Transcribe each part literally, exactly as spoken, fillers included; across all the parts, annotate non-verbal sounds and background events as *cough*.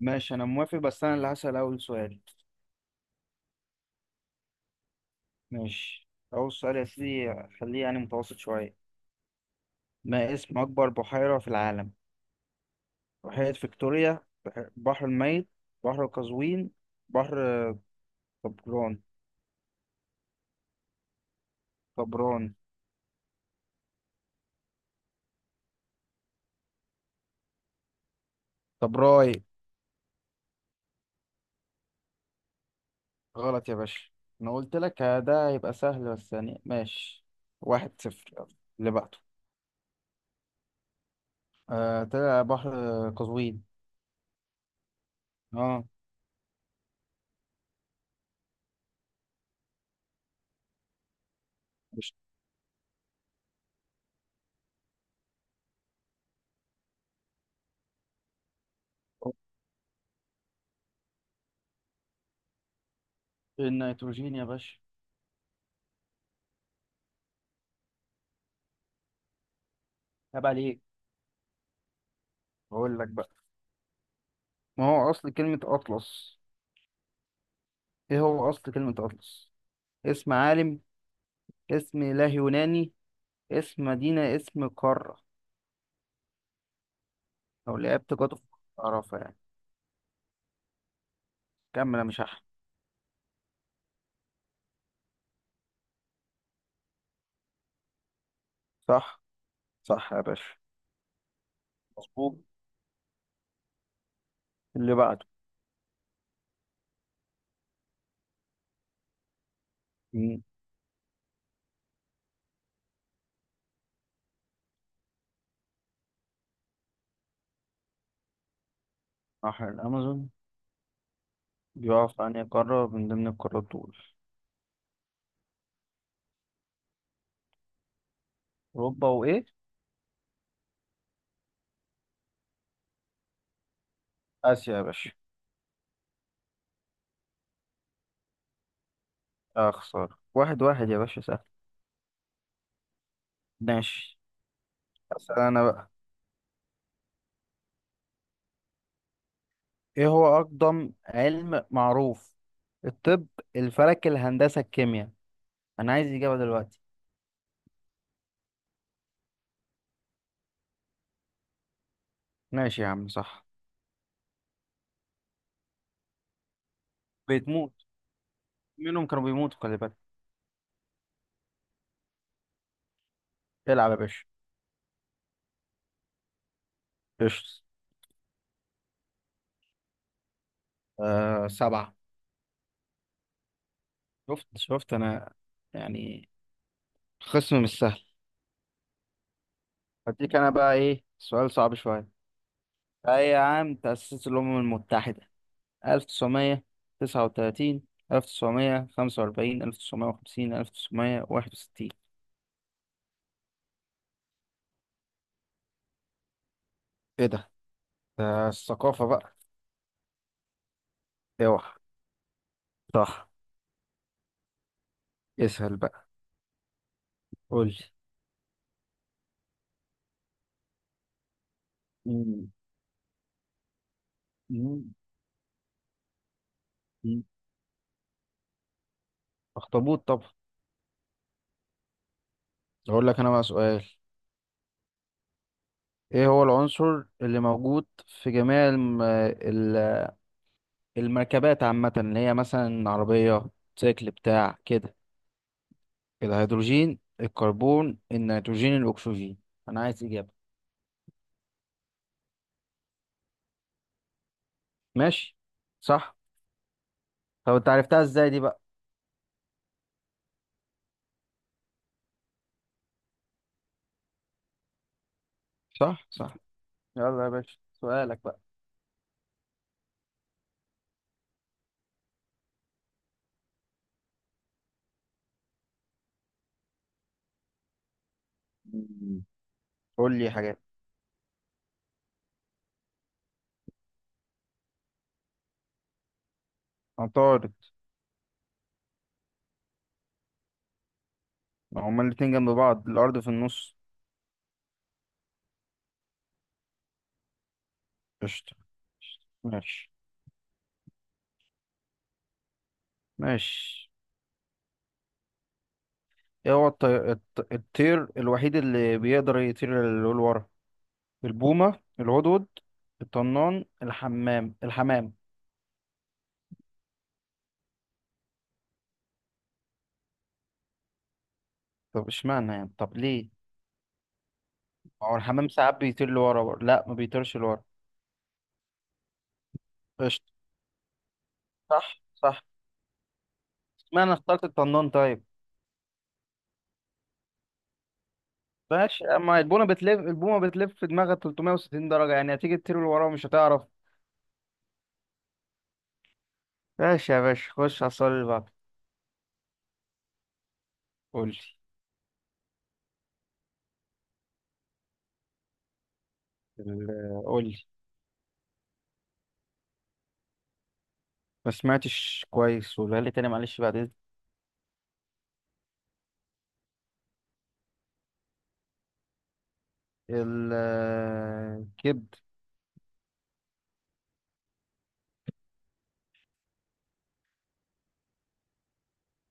ماشي، انا موافق، بس انا اللي هسأل اول سؤال. ماشي، اول سؤال يا سيدي، خليه يعني متوسط شوية. ما اسم اكبر بحيرة في العالم؟ بحيرة فيكتوريا، بح- بحر الميت، بحر قزوين، بحر طبران. طبران. طبراي. غلط يا باشا. انا قلت لك ده هيبقى سهل، بس يعني ماشي. واحد صفر، يلا اللي بعده. آه، طلع بحر قزوين. اه. مش النيتروجين يا باشا. عيب عليك. بقول لك بقى، ما هو اصل كلمة اطلس؟ ايه هو اصل كلمة اطلس؟ اسم عالم، اسم اله يوناني، اسم مدينة، اسم قارة؟ او لعبت جاتو في، اعرفها يعني. كمل يا مش احمد. صح، صح يا باشا. مظبوط. اللي بعده. مم. نهر الامازون بيقع في انهي قارة من ضمن القارات دول؟ اوروبا وايه؟ آسيا يا باشا. اه خسارة، واحد واحد يا باشا. سهل. ماشي، أسأل أنا بقى. ايه هو اقدم علم معروف؟ الطب، الفلك، الهندسة، الكيمياء. انا عايز اجابة دلوقتي. ماشي يا عم، صح. بتموت. منهم كانوا بيموتوا، خلي بالك. العب يا باشا. قشطة. آه، سبعة. شفت، شفت انا يعني. خصم مش سهل. هديك أنا بقى إيه سؤال صعب شوية. أي عام تأسست الأمم المتحدة؟ ألف تسعمية تسعة وتلاتين، ألف وتسعمئة خمسة وأربعين، ألف وتسعمئة وخمسين، ألف تسعمية واحد وستين. إيه ده؟ ده الثقافة بقى. أوعى. صح. اسهل بقى. قول لي. مم. مم. مم. أخطبوط طبعا. أقول لك أنا بقى سؤال. ايه هو العنصر اللي موجود في جميع الم... ال- المركبات عامة، اللي هي مثلا عربية، سيكل، بتاع كده؟ الهيدروجين، الكربون، النيتروجين، الأكسجين. أنا عايز إجابة. ماشي. صح. طب أنت عرفتها إزاي دي بقى؟ صح، صح. يلا يا باشا سؤالك بقى. مم. قول لي حاجات. عطارد. ما هما الاتنين جنب بعض الأرض في النص. قشطة. ماشي. ماشي. ايه هو الطي... الط... الطير الوحيد اللي بيقدر يطير للورا؟ البومة، العضد، الطنان، الحمام الحمام طب اشمعنى يعني؟ طب ليه؟ ما هو الحمام ساعات بيطير لورا برضه. لا، ما بيطيرش لورا. قشطة. صح، صح. اشمعنى اخترت الطنان طيب. ماشي، اما البومة بتلف البومة بتلف في دماغها ثلاثمية وستين درجة يعني، هتيجي تطير لورا ومش هتعرف. ماشي يا باشا، خش على السؤال اللي بعده. قول لي. ال- قول لي. ما سمعتش كويس، ولا لي تاني معلش بعد اذنك. الكبد.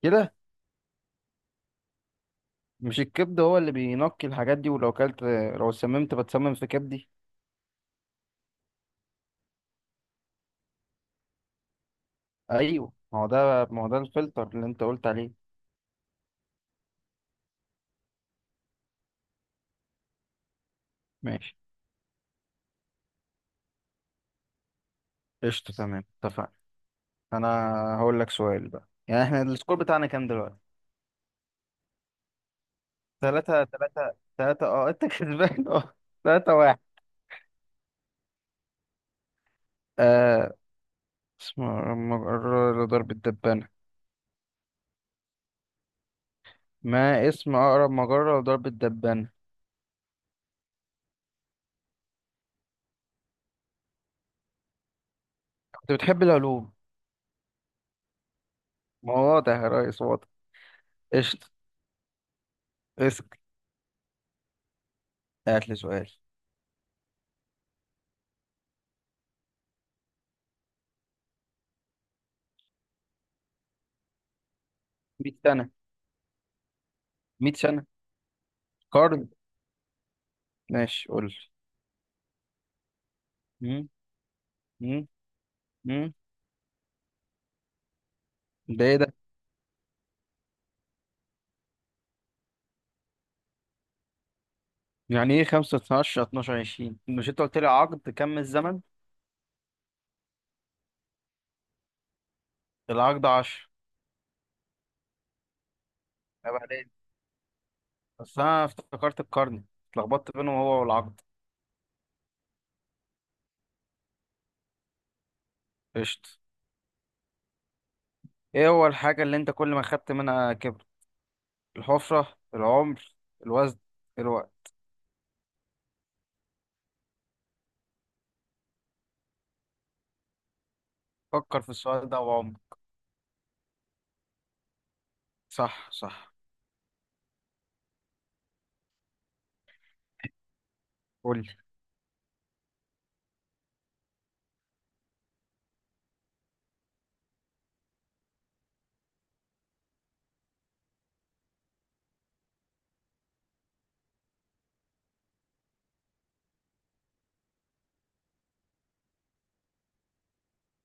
كده. مش الكبد هو اللي بينقي الحاجات دي؟ ولو كلت، لو سممت بتسمم في كبدي. ايوه، ما هو ده ما هو ده الفلتر اللي انت قلت عليه. ماشي. قشطة، تمام، اتفقنا. انا هقول لك سؤال بقى. يعني احنا السكور بتاعنا كام دلوقتي؟ ثلاثة ثلاثة، ثلاثة اه، انت كسبان. *laughs* اه. ثلاثة واحد. آه. اسم أقرب مجرة لضرب الدبانة؟ ما اسم أقرب مجرة لضرب الدبانة؟ كنت بتحب العلوم. ما هو واضح يا ريس، واضح. قشطة. اسأل. هات لي سؤال. مية سنة. مية سنة. قرن. ماشي قول لي. مم، مم، مم. ده ايه ده؟ يعني ايه خمسة اتناشر اتناشر عشرين؟ مش انت قلت لي عقد كم الزمن؟ العقد عشرة. طب عليك. بس انا افتكرت القرن، اتلخبطت بينه هو والعقد. قشط. ايه هو الحاجة اللي انت كل ما خدت منها كبر؟ الحفرة، العمر، الوزن، الوقت. فكر في السؤال ده وعمر. صح، صح. قول لي.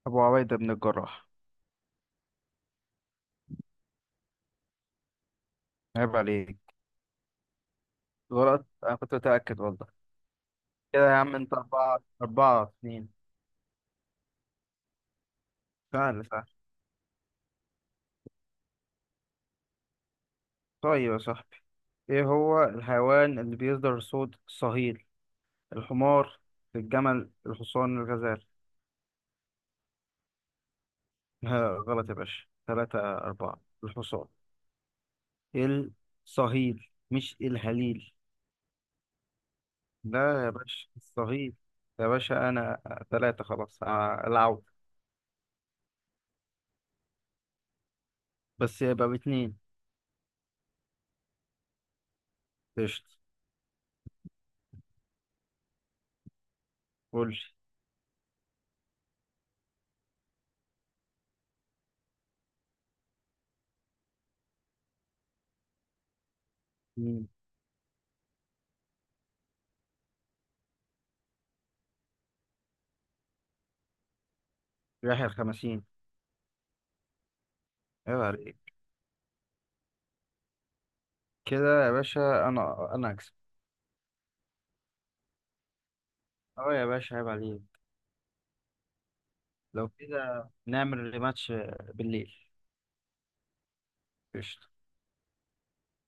ابو عبيدة بن الجراح. عيب عليك. غلط. انا كنت متأكد والله. كده يا عم انت، أربعة أربعة اتنين. سهل، سهل. طيب يا صاحبي، ايه هو الحيوان اللي بيصدر صوت صهيل؟ الحمار، الجمل، الحصان، الغزال. *laughs* ها، غلط يا باشا. ثلاثة أربعة. الحصان. الصهيل مش الهليل. لا يا باشا الصهيل. يا باشا أنا. ثلاثة خلاص، آه، العود. بس يبقى باتنين. قشطة. قول لي. مين؟ يحيى الخمسين. عيب عليك. كده يا باشا، أنا أنا أكسب. أه يا باشا عيب عليك. لو كده نعمل ريماتش بالليل. قشطة.